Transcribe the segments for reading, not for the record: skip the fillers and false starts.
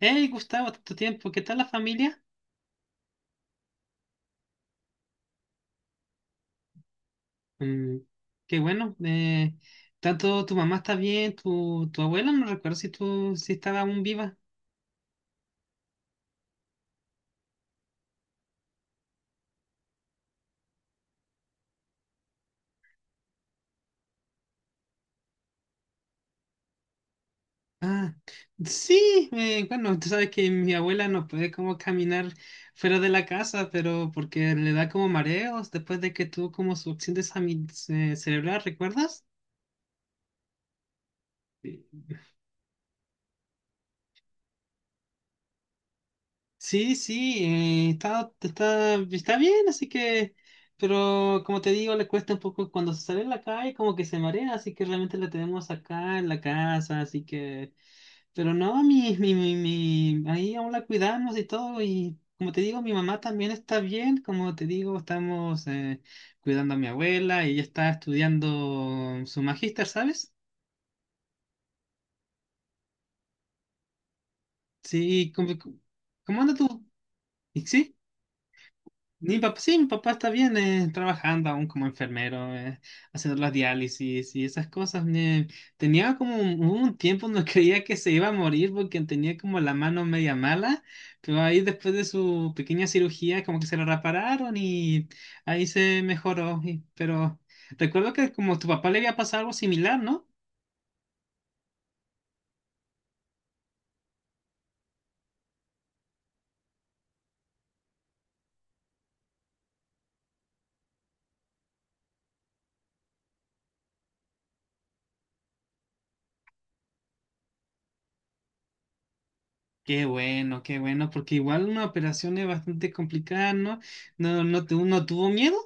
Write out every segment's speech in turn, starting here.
Hey Gustavo, tanto tiempo, ¿qué tal la familia? Mm, Qué bueno. Tanto tu mamá está bien, tu abuela, no recuerdo si estaba aún viva. Ah, sí, bueno, tú sabes que mi abuela no puede como caminar fuera de la casa, pero porque le da como mareos después de que tuvo como su accidente cerebral, ¿recuerdas? Sí, sí, está bien, así que, pero como te digo, le cuesta un poco cuando se sale a la calle, como que se marea, así que realmente la tenemos acá en la casa, así que, pero no, ahí aún la cuidamos y todo, y como te digo, mi mamá también está bien, como te digo, estamos cuidando a mi abuela y ella está estudiando su magíster, ¿sabes? Sí, cómo anda tú? ¿Sí? Mi papá, sí, mi papá está bien, trabajando aún como enfermero, haciendo las diálisis y esas cosas. Hubo un tiempo donde creía que se iba a morir porque tenía como la mano media mala, pero ahí después de su pequeña cirugía como que se la repararon y ahí se mejoró. Pero recuerdo que como tu papá le había pasado algo similar, ¿no? Qué bueno, porque igual una operación es bastante complicada, ¿no? No, no, no tuvo miedo.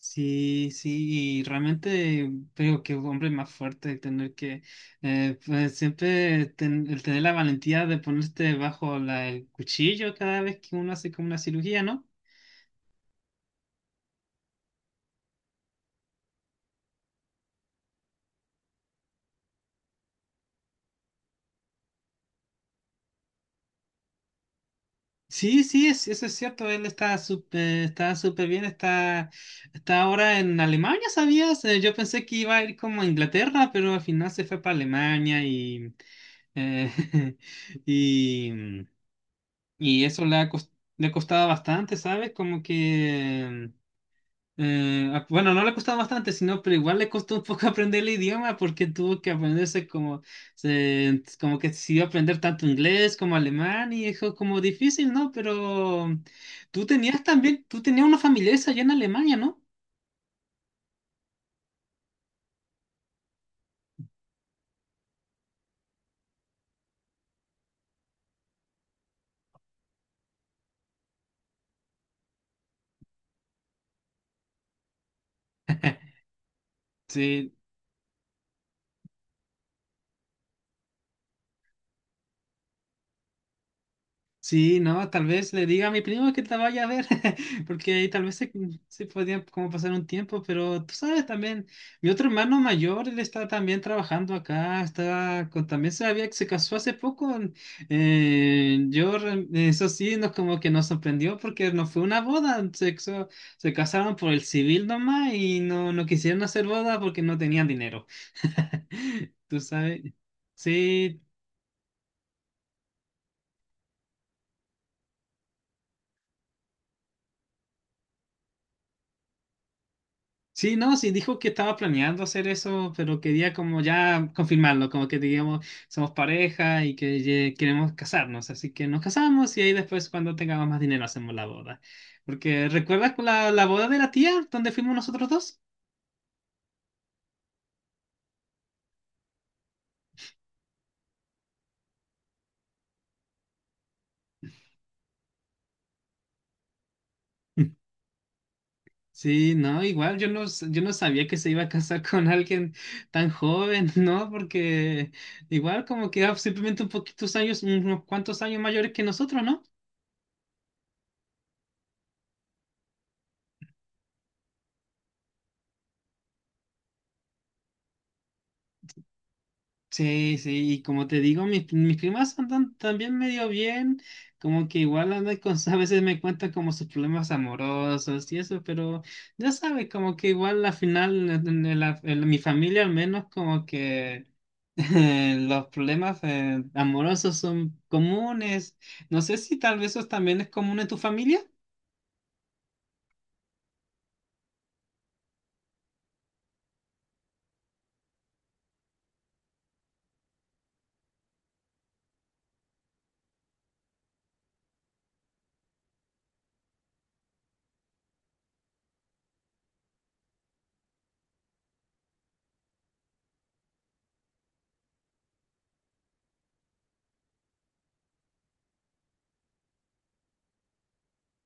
Sí, sí, y realmente creo que un hombre más fuerte tener que pues siempre el tener la valentía de ponerte bajo el cuchillo cada vez que uno hace como una cirugía, ¿no? Sí, sí, eso es cierto, él está súper bien, está ahora en Alemania, ¿sabías? Yo pensé que iba a ir como a Inglaterra, pero al final se fue para Alemania. Eh, y Y eso le ha costado bastante, ¿sabes? Como que, bueno, no le costaba bastante, sino, pero igual le costó un poco aprender el idioma porque tuvo que aprenderse como, como que decidió aprender tanto inglés como alemán y dijo como difícil, ¿no? Pero tú tenías también, tú tenías una familia allá en Alemania, ¿no? Sí, sí, no, tal vez le diga a mi primo que te vaya a ver, porque ahí tal vez se podía como pasar un tiempo, pero tú sabes también, mi otro hermano mayor, él está también trabajando acá, está con, también se había, se casó hace poco, eso sí, nos como que nos sorprendió porque no fue una boda, se casaron por el civil nomás y no, no quisieron hacer boda porque no tenían dinero, tú sabes. Sí, sí, no, sí, dijo que estaba planeando hacer eso, pero quería como ya confirmarlo, como que digamos, somos pareja y que queremos casarnos, así que nos casamos y ahí después cuando tengamos más dinero hacemos la boda. Porque ¿recuerdas la boda de la tía donde fuimos nosotros dos? Sí, no, igual yo no sabía que se iba a casar con alguien tan joven, ¿no? Porque igual como que era simplemente un poquitos años, unos cuantos años mayores que nosotros, ¿no? Sí, sí, y como te digo, mis primas andan también medio bien, como que igual andan con, a veces me cuentan como sus problemas amorosos y eso, pero ya sabes, como que igual al final, en mi familia al menos, como que los problemas amorosos son comunes. No sé si tal vez eso también es común en tu familia.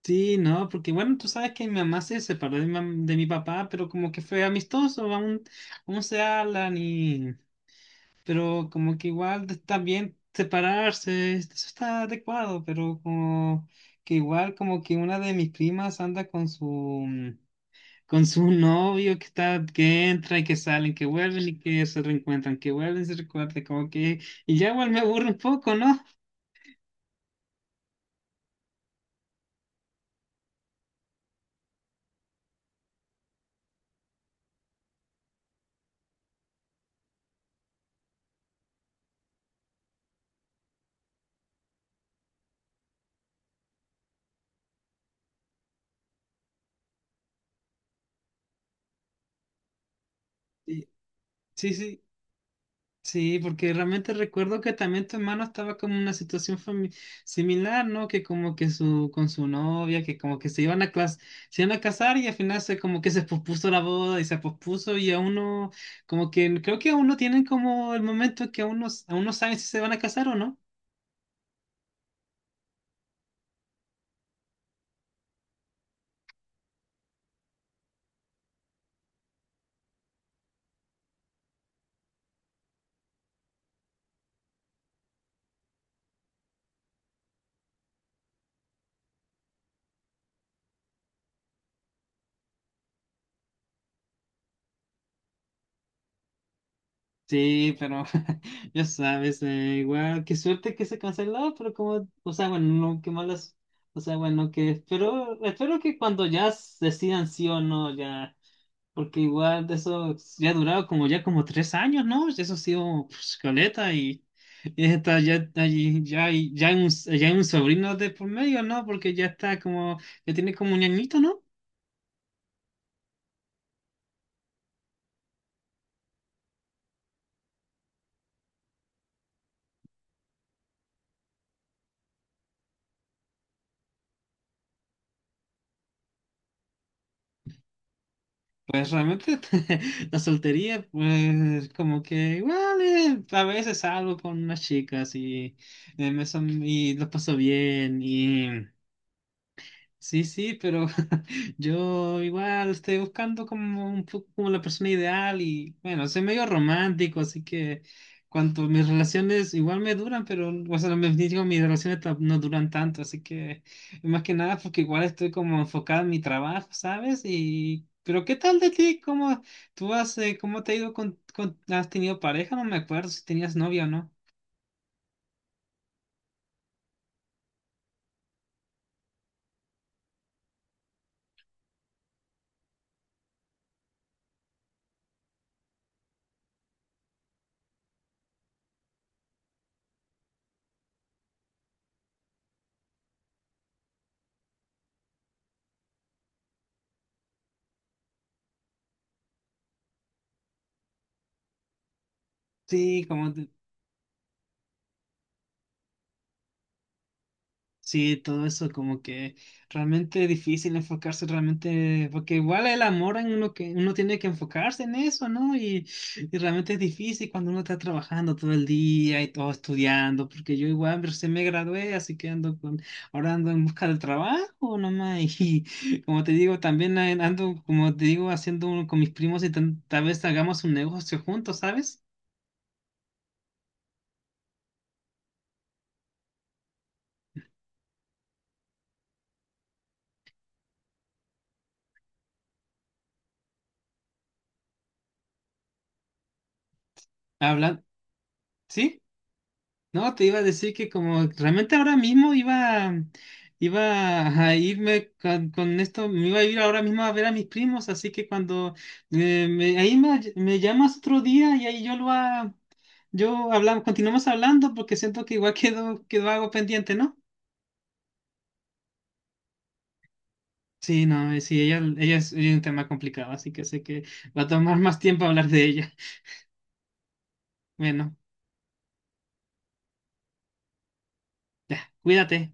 Sí, no, porque bueno, tú sabes que mi mamá se separó de de mi papá, pero como que fue amistoso, aún se hablan. Y... Pero como que igual está bien separarse, eso está adecuado, pero como que igual como que una de mis primas anda con su novio que está, que entra y que salen, que vuelven y que se reencuentran, que vuelven y se recuerdan, como que. Y ya igual me aburre un poco, ¿no? Sí, sí, sí, porque realmente recuerdo que también tu hermano estaba como en una situación similar, ¿no? Que como que su, con su novia, que como que se iban a casar y al final se como que se pospuso la boda y se pospuso y aún no, como que creo que aún no tienen como el momento que aún no, aún no saben si se van a casar o no. Sí, pero ya sabes, igual, qué suerte que se canceló, pero como, o sea, bueno, no, qué malas, o sea, bueno, que espero, espero que cuando ya decidan sí o no, ya. Porque igual de eso ya ha durado como ya como tres años, ¿no? Eso ha sido pues, caleta y está ya, está ya, ya, ya hay un sobrino de por medio, ¿no? Porque ya está como, ya tiene como un añito, ¿no? Pues realmente la soltería, pues como que igual a veces salgo con unas chicas y, y los paso bien y. Sí, sí, pero yo igual estoy buscando como un poco como la persona ideal y bueno, soy medio romántico, así que cuanto mis relaciones igual me duran, pero o sea, me digo, mis relaciones no duran tanto, así que más que nada porque igual estoy como enfocado en mi trabajo, ¿sabes? Y pero ¿qué tal de ti? ¿Cómo tú has cómo te ha ido con, has tenido pareja? No me acuerdo si tenías novia o no. Sí, como sí, todo eso como que realmente difícil enfocarse realmente, porque igual el amor en uno que uno tiene que enfocarse en eso, ¿no? Y realmente es difícil cuando uno está trabajando todo el día y todo estudiando, porque yo igual recién me gradué, así que ando con, ahora ando en busca del trabajo nomás, y como te digo, también ando, como te digo, haciendo con mis primos y tal vez hagamos un negocio juntos, ¿sabes? Hablan, ¿sí? No, te iba a decir que como realmente ahora mismo iba, iba a irme con, esto, me iba a ir ahora mismo a ver a mis primos, así que cuando ahí me llamas otro día y ahí yo hablamos, continuamos hablando porque siento que igual quedó, quedó algo pendiente, ¿no? Sí, no, sí, ella es un tema complicado, así que sé que va a tomar más tiempo hablar de ella. Bueno, ya, cuídate.